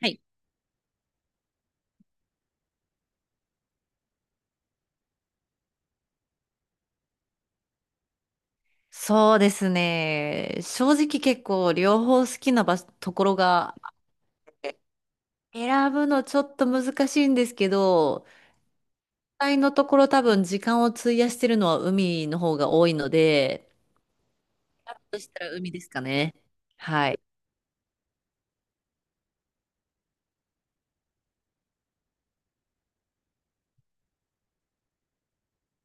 はい、そうですね。正直結構両方好きな場所、ところが選ぶのちょっと難しいんですけど、実際のところ多分時間を費やしてるのは海の方が多いので、そしたら海ですかね。はい。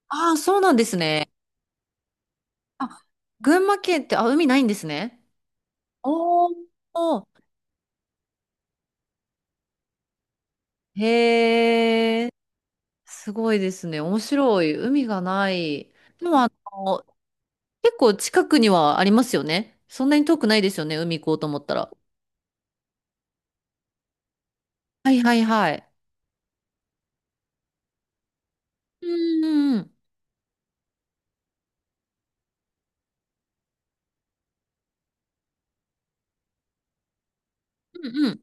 ああ、そうなんですね。あ、群馬県って、あ、海ないんですね。おお、へえ、すごいですね。面白い。海がない。でも結構近くにはありますよね。そんなに遠くないですよね。海行こうと思ったら。はいはいはい。うんうんうん。うんうん。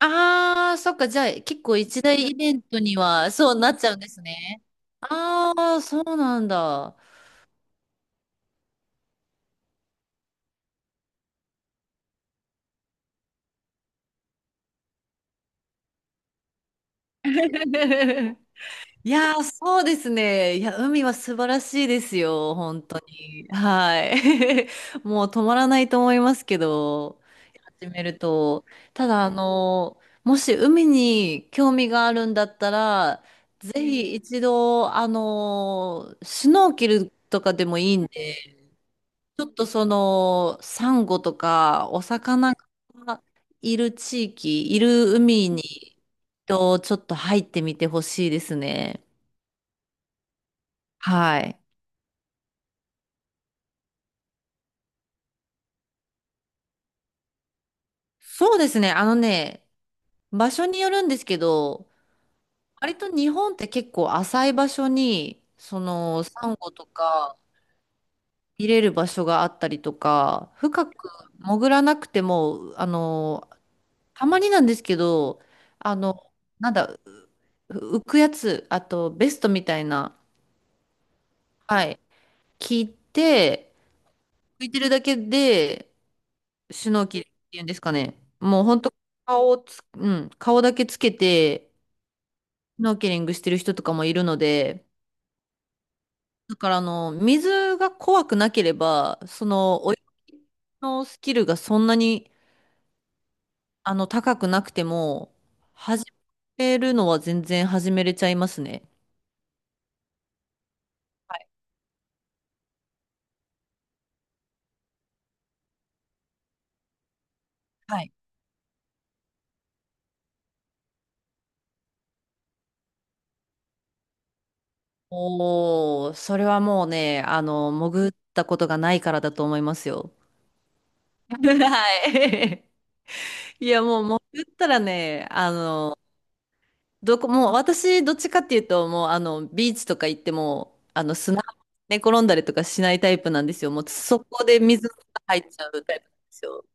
ああ、そっか。じゃあ結構一大イベントにはそうなっちゃうんですね。ああ、そうなんだ。いやー、そうですね。いや、海は素晴らしいですよ、本当に。はい。もう止まらないと思いますけど、始めると。ただ、もし海に興味があるんだったら、ぜひ一度、シュノーケルとかでもいいんで、ちょっとその、サンゴとか、お魚がいる地域、いる海に、と、ちょっと入ってみてほしいですね。はい。そうですね。あのね、場所によるんですけど、割と日本って結構浅い場所に、サンゴとか見れる場所があったりとか、深く潜らなくても、たまになんですけど、あの、なんだ、浮くやつ、あとベストみたいな、はい、聞いて、浮いてるだけで、シュノーキルっていうんですかね。もう本当うん、顔だけつけて、スノーケリングしてる人とかもいるので、だから水が怖くなければ、泳ぎのスキルがそんなに、高くなくても、始めるのは全然始めれちゃいますね。はい。はい。おー、それはもうね、潜ったことがないからだと思いますよ。はい。いや、もう潜ったらね、もう私、どっちかっていうと、もうビーチとか行っても、砂ね、寝転んだりとかしないタイプなんですよ。もうそこで水が入っちゃうタイプなんですよ。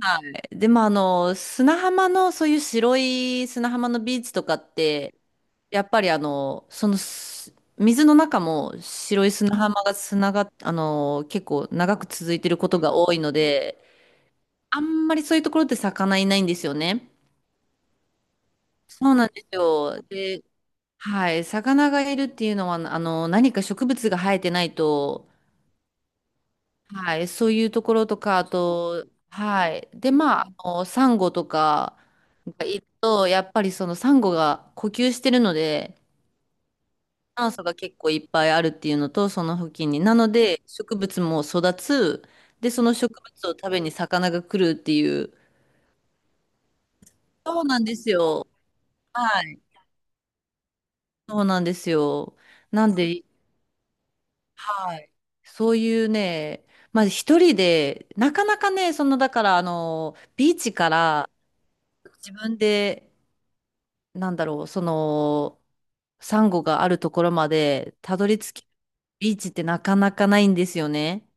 はい。でも砂浜の、そういう白い砂浜のビーチとかって、やっぱり水の中も白い砂浜が砂が、結構長く続いてることが多いので、あんまりそういうところって魚いないんですよね。そうなんですよ。で、はい、魚がいるっていうのは、何か植物が生えてないと、はい、そういうところとか、あと、はい。で、まあ、サンゴとかがいると、やっぱりそのサンゴが呼吸してるので、酸素が結構いっぱいあるっていうのと、その付近に。なので、植物も育つ。で、その植物を食べに魚が来るっていう。そうなんですよ。はい。そうなんですよ。なんで、はい。そういうね、まあ一人で、なかなかね、だからビーチから自分で、なんだろう、その、サンゴがあるところまでたどり着き、ビーチってなかなかないんですよね。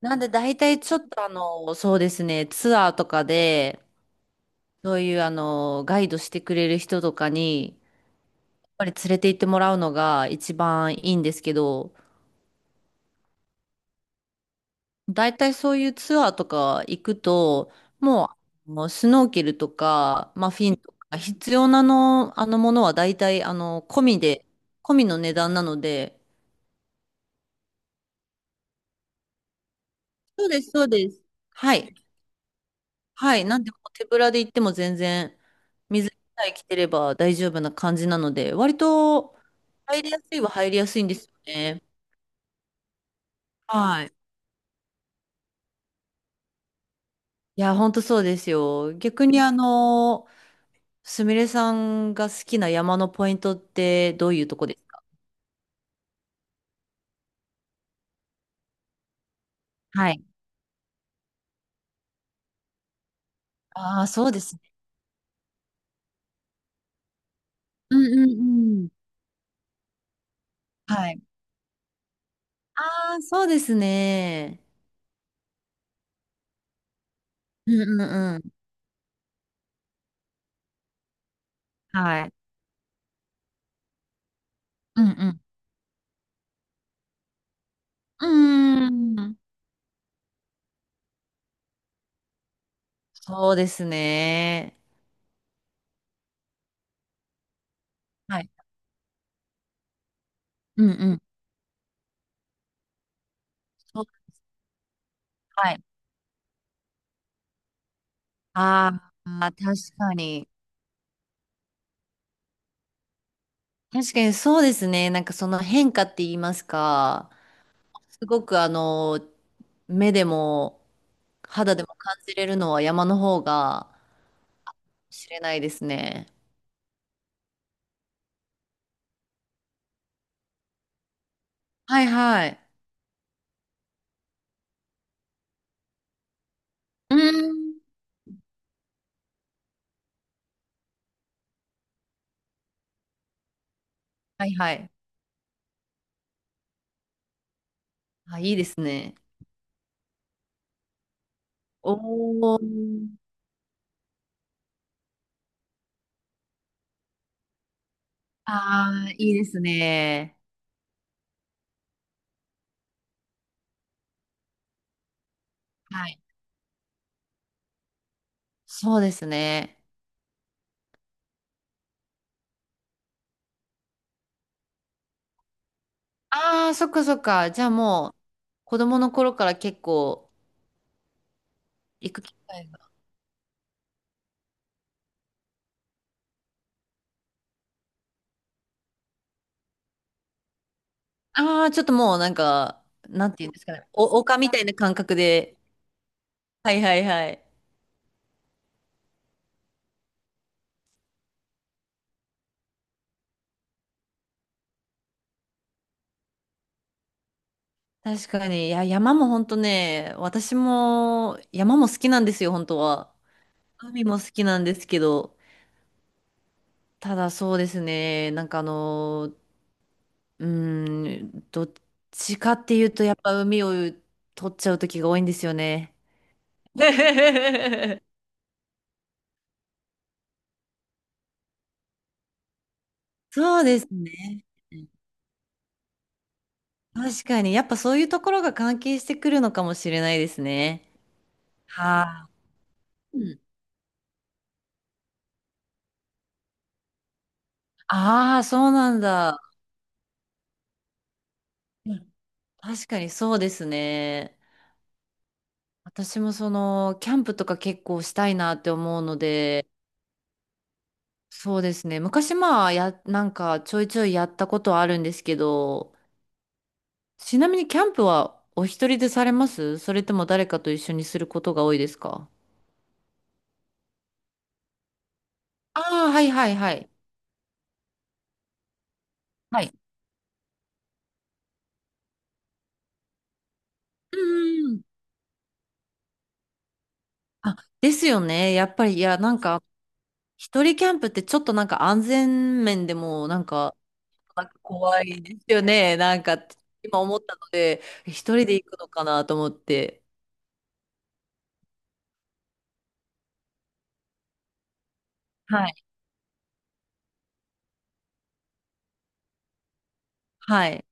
なんで大体ちょっとそうですね、ツアーとかで、そういうガイドしてくれる人とかに、やっぱり連れて行ってもらうのが一番いいんですけど、大体そういうツアーとか行くと、もう、スノーケルとか、まあ、フィンとか、必要なの、あのものは大体、込みで、込みの値段なので、そうです、そうです。はい。はい。なんで、もう手ぶらで行っても全然、水さえ着てれば大丈夫な感じなので、割と、入りやすいは入りやすいんですよね。はい。いや、本当そうですよ。逆に、すみれさんが好きな山のポイントってどういうとこです？はい。ああ、そうですね。うんうんうん。はい。ああ、そうですね。うんうんうん。はい。うんうん。うーん。そうですね。はい。うんうん。そう、はい。ああ、確かに。確かにそうですね。なんかその変化って言いますか。すごく目でも肌でも感じれるのは山の方が知れないですね。はいはい。うーん。はいはい。あ、いいですね。おー。ああ、いいですね。はい。そうですね。ああ、そっかそっか。じゃあもう、子供の頃から結構行く機会が。ああ、ちょっともうなんか、なんていうんですかね。お、丘みたいな感覚で。はいはいはい。確かに。いや、山も本当ね、私も山も好きなんですよ、本当は。海も好きなんですけど。ただそうですね、なんかどっちかっていうと、やっぱ海を取っちゃう時が多いんですよね。そうですね。確かに、やっぱそういうところが関係してくるのかもしれないですね。はい、うん。ああ、そうなんだ。うん、確かにそうですね。私もその、キャンプとか結構したいなって思うので、そうですね。昔まあ、なんかちょいちょいやったことはあるんですけど、ちなみにキャンプはお一人でされます？それとも誰かと一緒にすることが多いですか？ああー、はいはいはい。はい。うんうん。あ、ですよね。やっぱり、いや、なんか、一人キャンプってちょっとなんか安全面でも、なんか、なんか怖いですよね。なんか、今思ったので、一人で行くのかなと思って。はい。はい。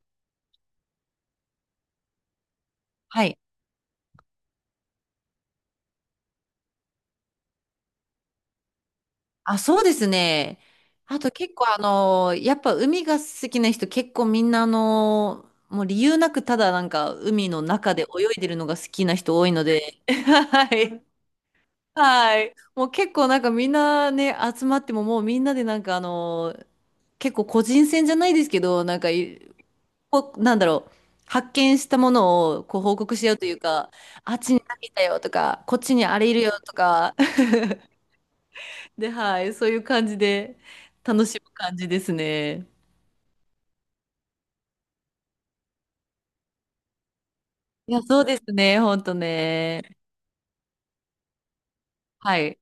はい。あ、そうですね。あと結構やっぱ海が好きな人結構みんなもう理由なくただなんか海の中で泳いでるのが好きな人多いので、はい。はい。もう結構なんかみんなね、集まってももうみんなでなんか結構個人戦じゃないですけど、なんかい、こうなんだろう、発見したものをこう報告し合うというか、あっちに何いたよとか、こっちにあれいるよとか、で、はい、そういう感じで楽しむ感じですね。いや、そうですね、ほんとね。はい。